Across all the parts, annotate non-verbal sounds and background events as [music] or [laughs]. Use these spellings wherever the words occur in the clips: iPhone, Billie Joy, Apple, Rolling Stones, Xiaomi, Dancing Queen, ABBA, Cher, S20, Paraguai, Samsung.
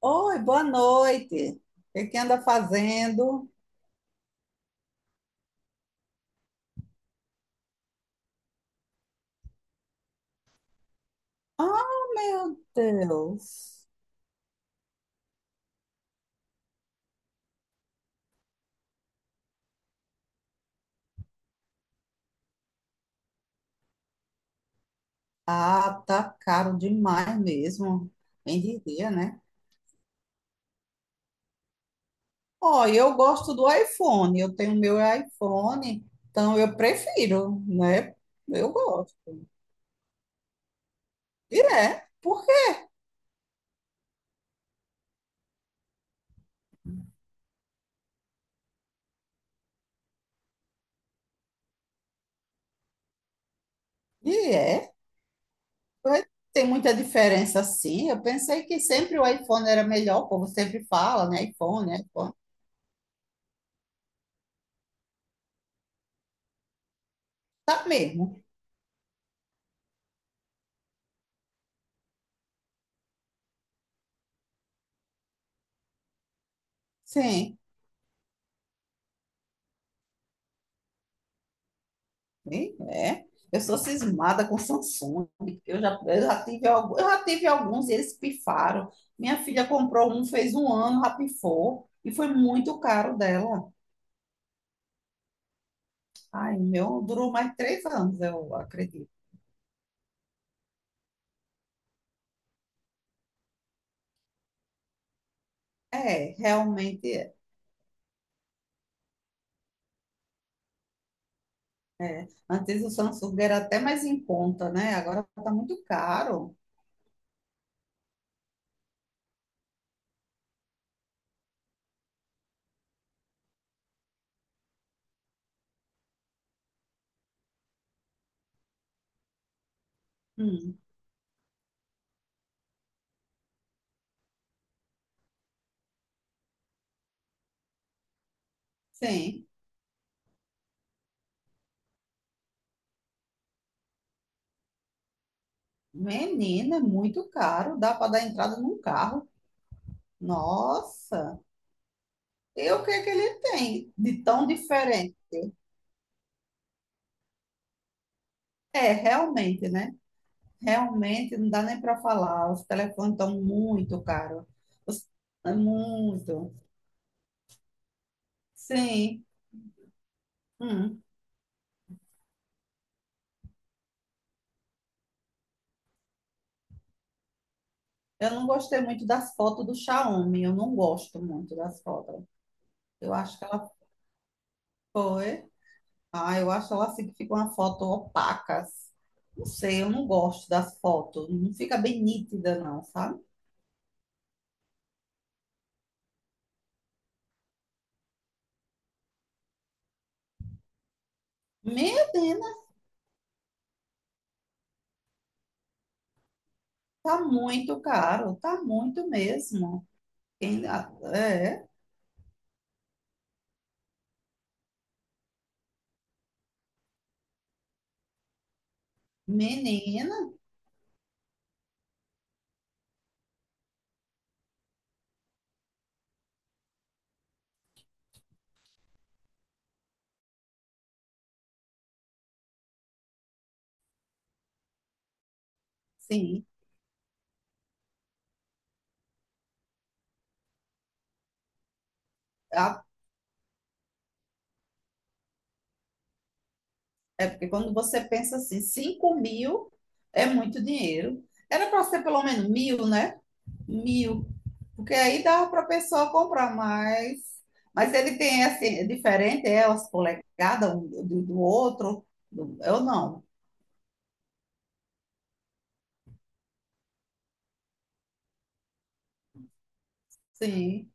Oi, boa noite. O que que anda fazendo? Ah, meu Deus. Ah, tá caro demais mesmo. Quem diria, né? Ó, eu gosto do iPhone. Eu tenho meu iPhone, então eu prefiro, né? Eu gosto. E é, porque e é. Vai- Tem muita diferença, sim. Eu pensei que sempre o iPhone era melhor, o povo sempre fala, né? iPhone, iPhone. Tá mesmo. Sim. Ih, é. Eu sou cismada com Samsung. Eu já tive alguns e eles pifaram. Minha filha comprou um, fez 1 ano, rapifou. E foi muito caro dela. Ai, o meu durou mais 3 anos, eu acredito. É, realmente é. É. Antes o Samsung era até mais em conta, né? Agora tá muito caro. Hum, sim. Menina, é muito caro. Dá para dar entrada num carro. Nossa. E o que é que ele tem de tão diferente? É, realmente, né? Realmente não dá nem para falar. Os telefones estão muito caros. Os- É muito. Sim. Hum. Eu não gostei muito das fotos do Xiaomi. Eu não gosto muito das fotos. Eu acho que ela foi. Ah, eu acho ela assim que fica uma foto opacas. Não sei, eu não gosto das fotos. Não fica bem nítida, não, sabe? Menina, tá muito caro. Tá muito mesmo. Quem, ah, é, menina, sim. É porque quando você pensa assim, 5 mil é muito dinheiro. Era para ser pelo menos mil, né? Mil. Porque aí dava para a pessoa comprar mais. Mas ele tem assim, é diferente, é as polegadas um do, do outro. Eu não. Sim,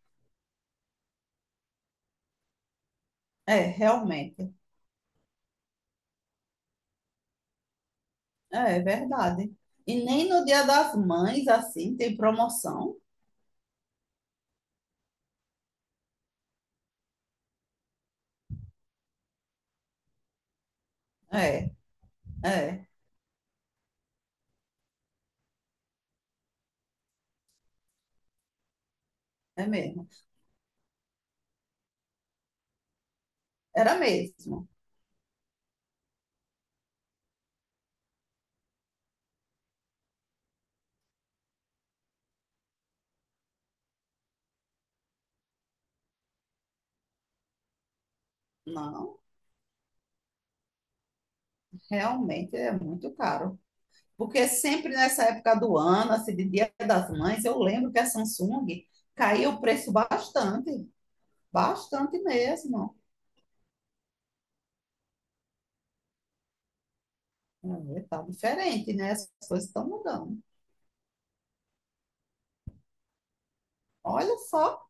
é, realmente. É, é verdade. E nem no Dia das Mães, assim, tem promoção. É, é, é mesmo. Era mesmo. Não, realmente é muito caro. Porque sempre nessa época do ano, assim, de Dia das Mães, eu lembro que a Samsung caiu o preço bastante, bastante mesmo. É, tá diferente, né? As coisas estão mudando. Olha só,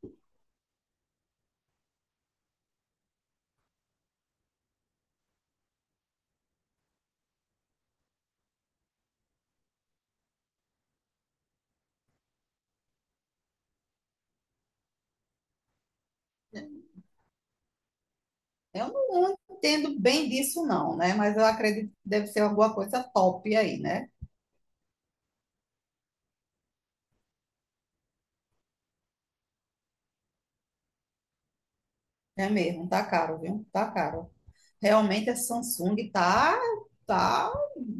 eu não, entendo bem disso não, né? Mas eu acredito que deve ser alguma coisa top aí, né? É mesmo, tá caro, viu? Tá caro. Realmente a Samsung tá,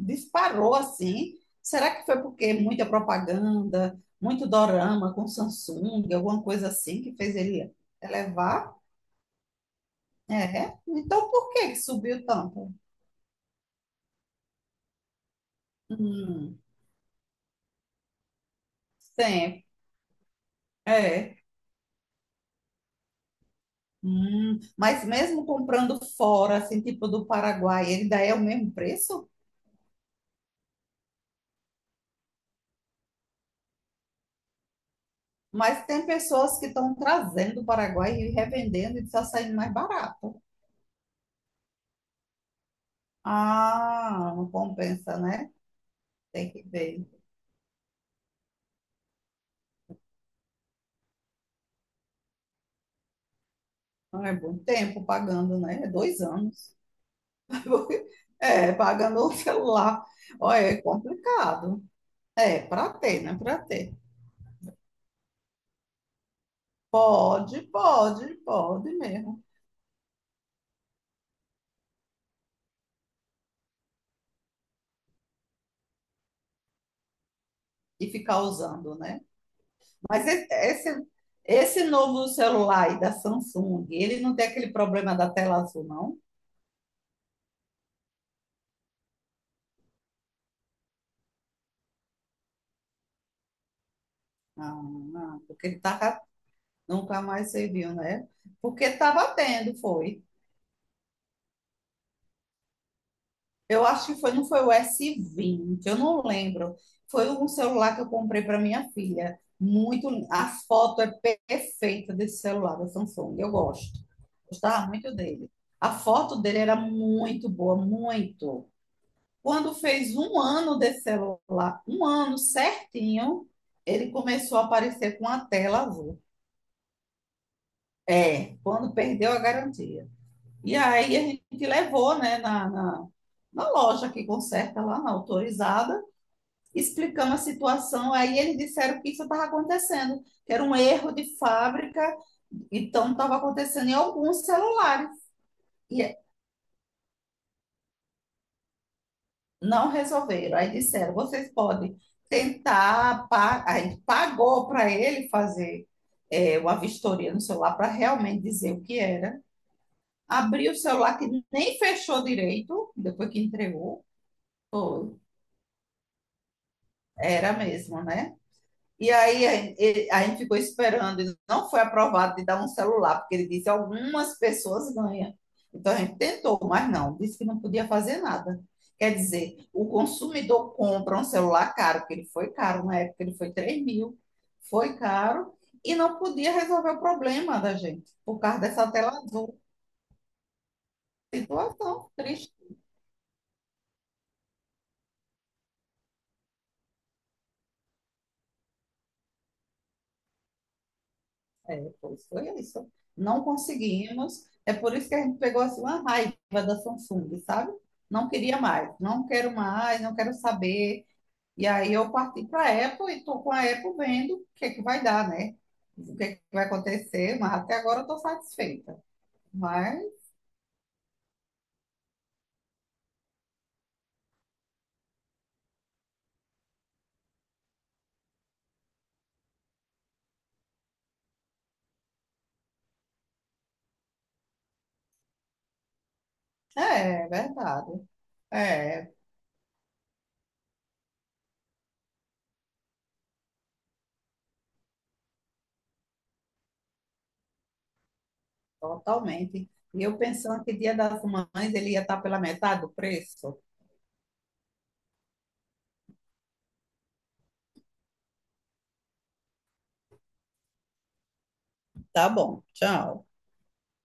disparou assim. Será que foi porque muita propaganda, muito dorama com Samsung, alguma coisa assim que fez ele elevar? É. Então por que que subiu tanto? Hum, sempre. É. Mas mesmo comprando fora, assim, tipo do Paraguai, ele daí é o mesmo preço? Mas tem pessoas que estão trazendo do Paraguai e revendendo e está saindo mais barato. Ah, não compensa, né? Tem que ver. Ah, é bom tempo pagando, né? É 2 anos. [laughs] É, pagando o celular. Olha, é complicado. É, para ter, né? Para ter. Pode, pode, pode mesmo. E ficar usando, né? Mas esse novo celular aí da Samsung, ele não tem aquele problema da tela azul, não? Não, não, porque ele tava, nunca mais serviu, né? Porque estava tendo, foi. Eu acho que foi, não foi o S20, eu não lembro. Foi um celular que eu comprei para minha filha. Muito, a foto é perfeita desse celular da Samsung. Eu gosto. Gostava muito dele. A foto dele era muito boa, muito. Quando fez 1 ano desse celular, 1 ano certinho, ele começou a aparecer com a tela azul. É, quando perdeu a garantia. E aí a gente levou, né, na loja que conserta lá, na autorizada, explicando a situação. Aí eles disseram que isso estava acontecendo, que era um erro de fábrica, então estava acontecendo em alguns celulares. E não resolveram. Aí disseram: vocês podem Aí pagou para ele fazer uma vistoria no celular para realmente dizer o que era. Abriu o celular que nem fechou direito, depois que entregou. Foi. Era mesmo, né? E aí a gente ficou esperando, e não foi aprovado de dar um celular, porque ele disse algumas pessoas ganham. Então a gente tentou, mas não, disse que não podia fazer nada. Quer dizer, o consumidor compra um celular caro, porque ele foi caro na época, ele foi 3 mil, foi caro, e não podia resolver o problema da gente, por causa dessa tela azul. Situação triste. É, pois foi isso. Não conseguimos. É por isso que a gente pegou assim, uma raiva da Samsung, sabe? Não queria mais, não quero saber. E aí eu parti para a Apple e estou com a Apple vendo o que é que vai dar, né? O que é que vai acontecer, mas até agora eu estou satisfeita. Mas é verdade. É, totalmente. E eu pensando que Dia das Mães ele ia estar pela metade do preço. Tá bom, tchau.